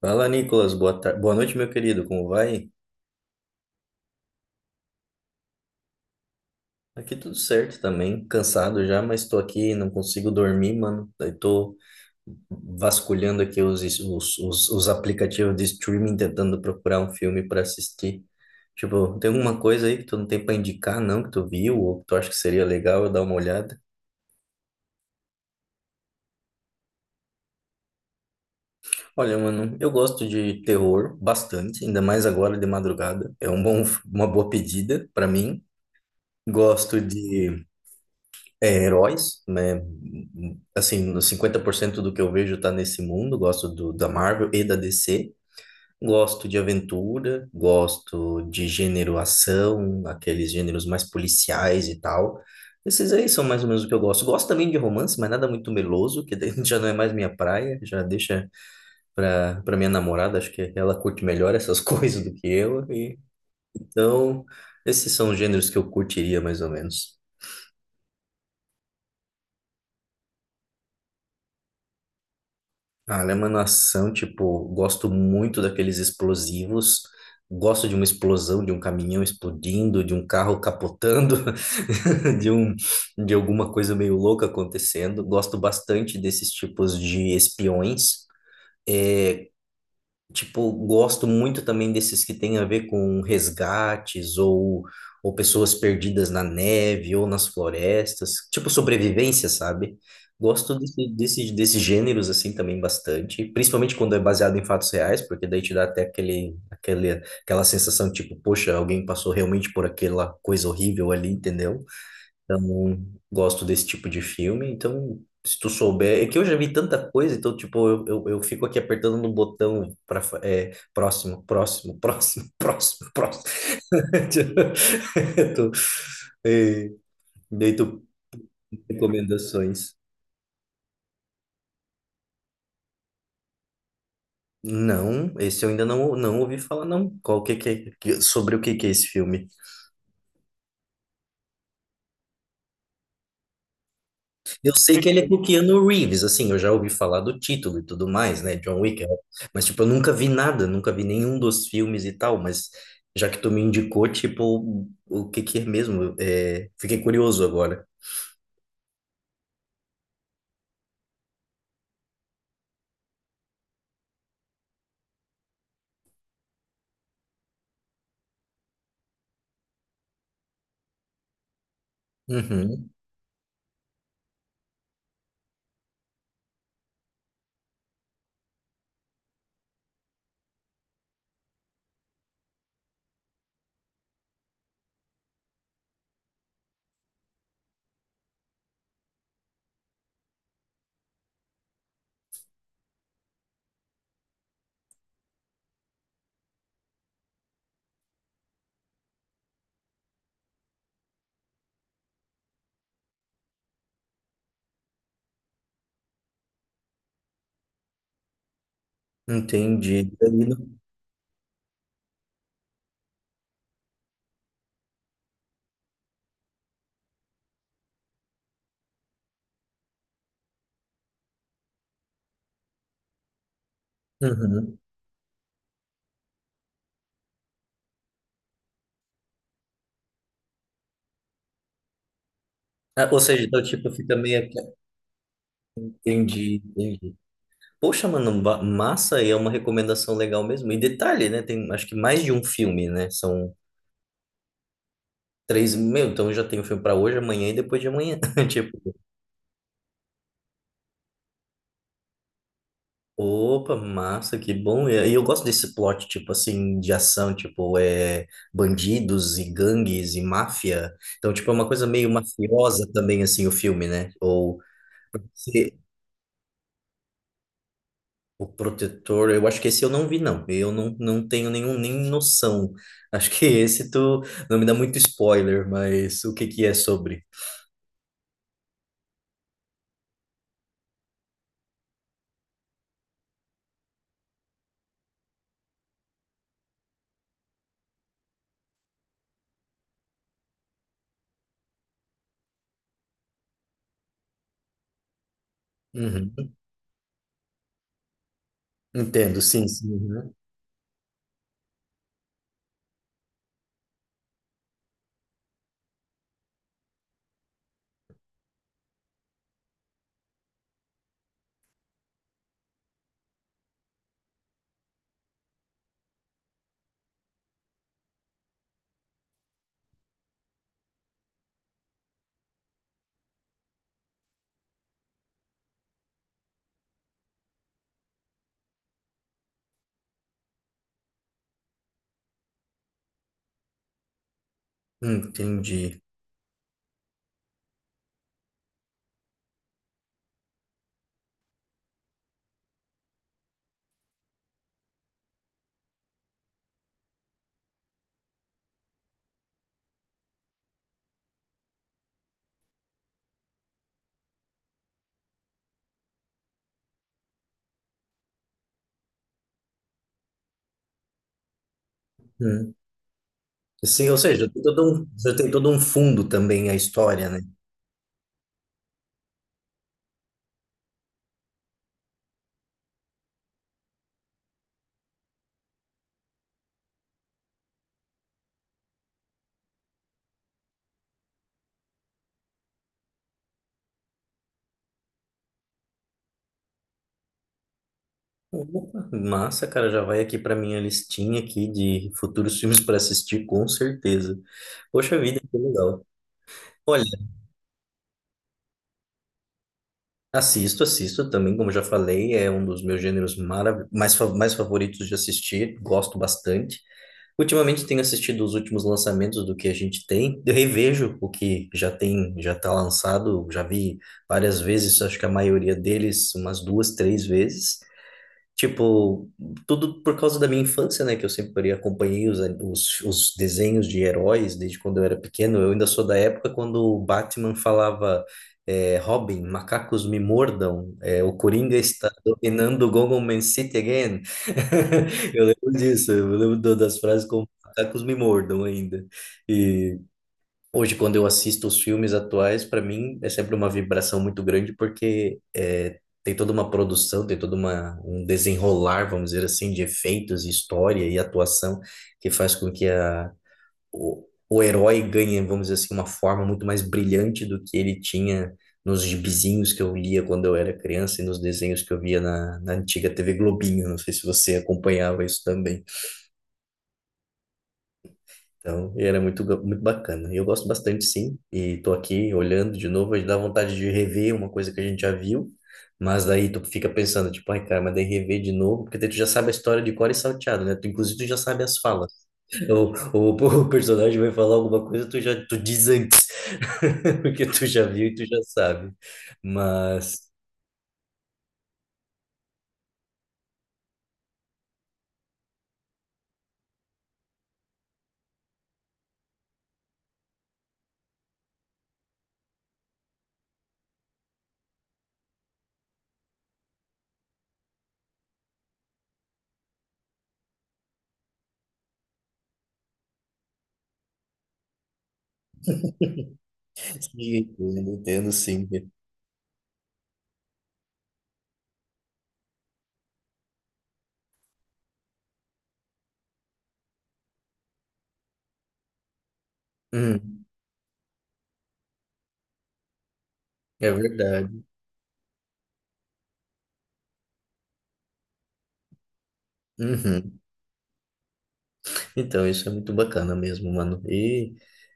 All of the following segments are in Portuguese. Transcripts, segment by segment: Fala, Nicolas. Boa tarde. Boa noite, meu querido. Como vai? Aqui tudo certo também. Cansado já, mas tô aqui, não consigo dormir, mano. Daí tô vasculhando aqui os aplicativos de streaming tentando procurar um filme pra assistir. Tipo, tem alguma coisa aí que tu não tem pra indicar, não, que tu viu ou que tu acha que seria legal eu dar uma olhada? Olha, mano, eu gosto de terror bastante, ainda mais agora de madrugada. Uma boa pedida pra mim. Gosto de heróis, né? Assim, no 50% do que eu vejo tá nesse mundo. Gosto da Marvel e da DC. Gosto de aventura, gosto de gênero ação, aqueles gêneros mais policiais e tal. Esses aí são mais ou menos o que eu gosto. Gosto também de romance, mas nada muito meloso, que daí já não é mais minha praia, já deixa pra minha namorada, acho que ela curte melhor essas coisas do que eu. E então, esses são os gêneros que eu curtiria mais ou menos. Ah, Ela é uma Nação, tipo, gosto muito daqueles explosivos, gosto de uma explosão, de um caminhão explodindo, de um carro capotando, de um, de alguma coisa meio louca acontecendo. Gosto bastante desses tipos de espiões. Tipo, gosto muito também desses que têm a ver com resgates ou pessoas perdidas na neve ou nas florestas, tipo sobrevivência, sabe? Gosto desses gêneros assim também bastante, principalmente quando é baseado em fatos reais, porque daí te dá até aquela sensação tipo, poxa, alguém passou realmente por aquela coisa horrível ali, entendeu? Então, gosto desse tipo de filme. Então, se tu souber, é que eu já vi tanta coisa, então, tipo, eu fico aqui apertando no botão para próximo, próximo, próximo, próximo, próximo. Tipo, e, daí tu recomendações. Não, esse eu ainda não, não ouvi falar, não. Qual que, é, que- Sobre o que que é esse filme? Eu sei que ele é com o Keanu Reeves, assim, eu já ouvi falar do título e tudo mais, né? John Wick, é. Mas tipo, eu nunca vi nada, nunca vi nenhum dos filmes e tal, mas já que tu me indicou, tipo, o que que é mesmo? É, fiquei curioso agora. Uhum, entendi. Aí no- Uhum. Ah, ou seja, então, tipo, fica meio... Entendi, entendi. Poxa, mano, massa, e é uma recomendação legal mesmo. E detalhe, né? Tem, acho que mais de um filme, né? São três... Meu, então já tem o filme pra hoje, amanhã e depois de amanhã. Opa, massa, que bom. E eu gosto desse plot, tipo assim, de ação, tipo, é bandidos e gangues e máfia. Então, tipo, é uma coisa meio mafiosa também, assim, o filme, né? Ou se- O Protetor, eu acho que esse eu não vi, não. Eu não, não tenho nenhum, nem noção. Acho que esse tu não me dá muito spoiler, mas o que que é sobre? Uhum. Entendo, sim, sim. Uhum. Entendi. Hum. Sim, ou seja, tem todo um, já tem todo um fundo também a história, né? Opa, massa, cara, já vai aqui pra minha listinha aqui de futuros filmes para assistir, com certeza. Poxa vida, que legal. Olha, assisto, assisto também, como já falei, é um dos meus gêneros mais favoritos de assistir, gosto bastante. Ultimamente tenho assistido os últimos lançamentos do que a gente tem, eu revejo o que já tem, já está lançado, já vi várias vezes, acho que a maioria deles umas duas, três vezes. Tipo, tudo por causa da minha infância, né? Que eu sempre acompanhei os desenhos de heróis desde quando eu era pequeno. Eu ainda sou da época quando o Batman falava, é, Robin, macacos me mordam, é, o Coringa está dominando Gotham City again. Eu lembro disso, eu lembro das frases como macacos me mordam ainda. E hoje, quando eu assisto os filmes atuais, para mim é sempre uma vibração muito grande, porque é, tem toda uma produção, tem todo uma, um desenrolar, vamos dizer assim, de efeitos, história e atuação, que faz com que o herói ganhe, vamos dizer assim, uma forma muito mais brilhante do que ele tinha nos gibizinhos que eu lia quando eu era criança e nos desenhos que eu via na antiga TV Globinho. Não sei se você acompanhava isso também. Então, e era muito, muito bacana. E eu gosto bastante, sim. E tô aqui olhando de novo, aí dá vontade de rever uma coisa que a gente já viu. Mas daí tu fica pensando, tipo, ai, cara, mas daí rever de novo, porque daí tu já sabe a história de cor e salteado, né? Tu, inclusive, tu já sabe as falas. O personagem vai falar alguma coisa, tu já tu diz antes, porque tu já viu e tu já sabe. Mas, sim, eu entendo, sim. Hum, é verdade. Uhum. Então, isso é muito bacana mesmo, mano. E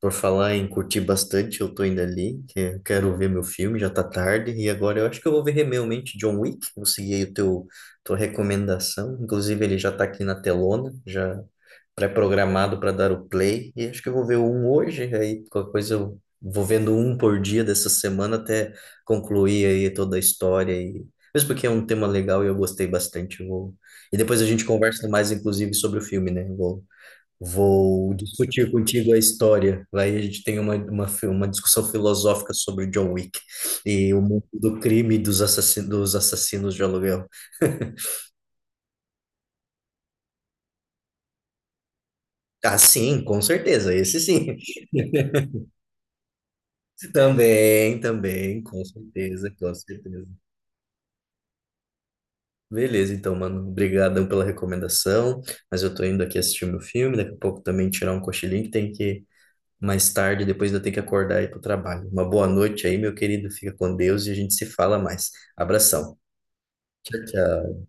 por falar em curtir bastante, eu tô indo ali, que eu quero ver meu filme, já tá tarde, e agora eu acho que eu vou ver realmente John Wick, vou seguir aí o tua recomendação. Inclusive, ele já tá aqui na telona, já pré-programado para dar o play, e acho que eu vou ver um hoje, aí qualquer coisa eu vou vendo um por dia dessa semana até concluir aí toda a história, e mesmo porque é um tema legal e eu gostei bastante, eu vou... E depois a gente conversa mais, inclusive, sobre o filme, né? Vou discutir contigo a história. Lá a gente tem uma discussão filosófica sobre John Wick e o mundo do crime e dos assassinos de aluguel. Ah, sim, com certeza, esse sim. Também, também, com certeza, com certeza. Beleza, então, mano, obrigadão pela recomendação, mas eu tô indo aqui assistir meu filme, daqui a pouco também tirar um cochilinho que tem que mais tarde, depois eu tenho que acordar e ir para o trabalho. Uma boa noite aí, meu querido. Fica com Deus e a gente se fala mais. Abração. Tchau, tchau.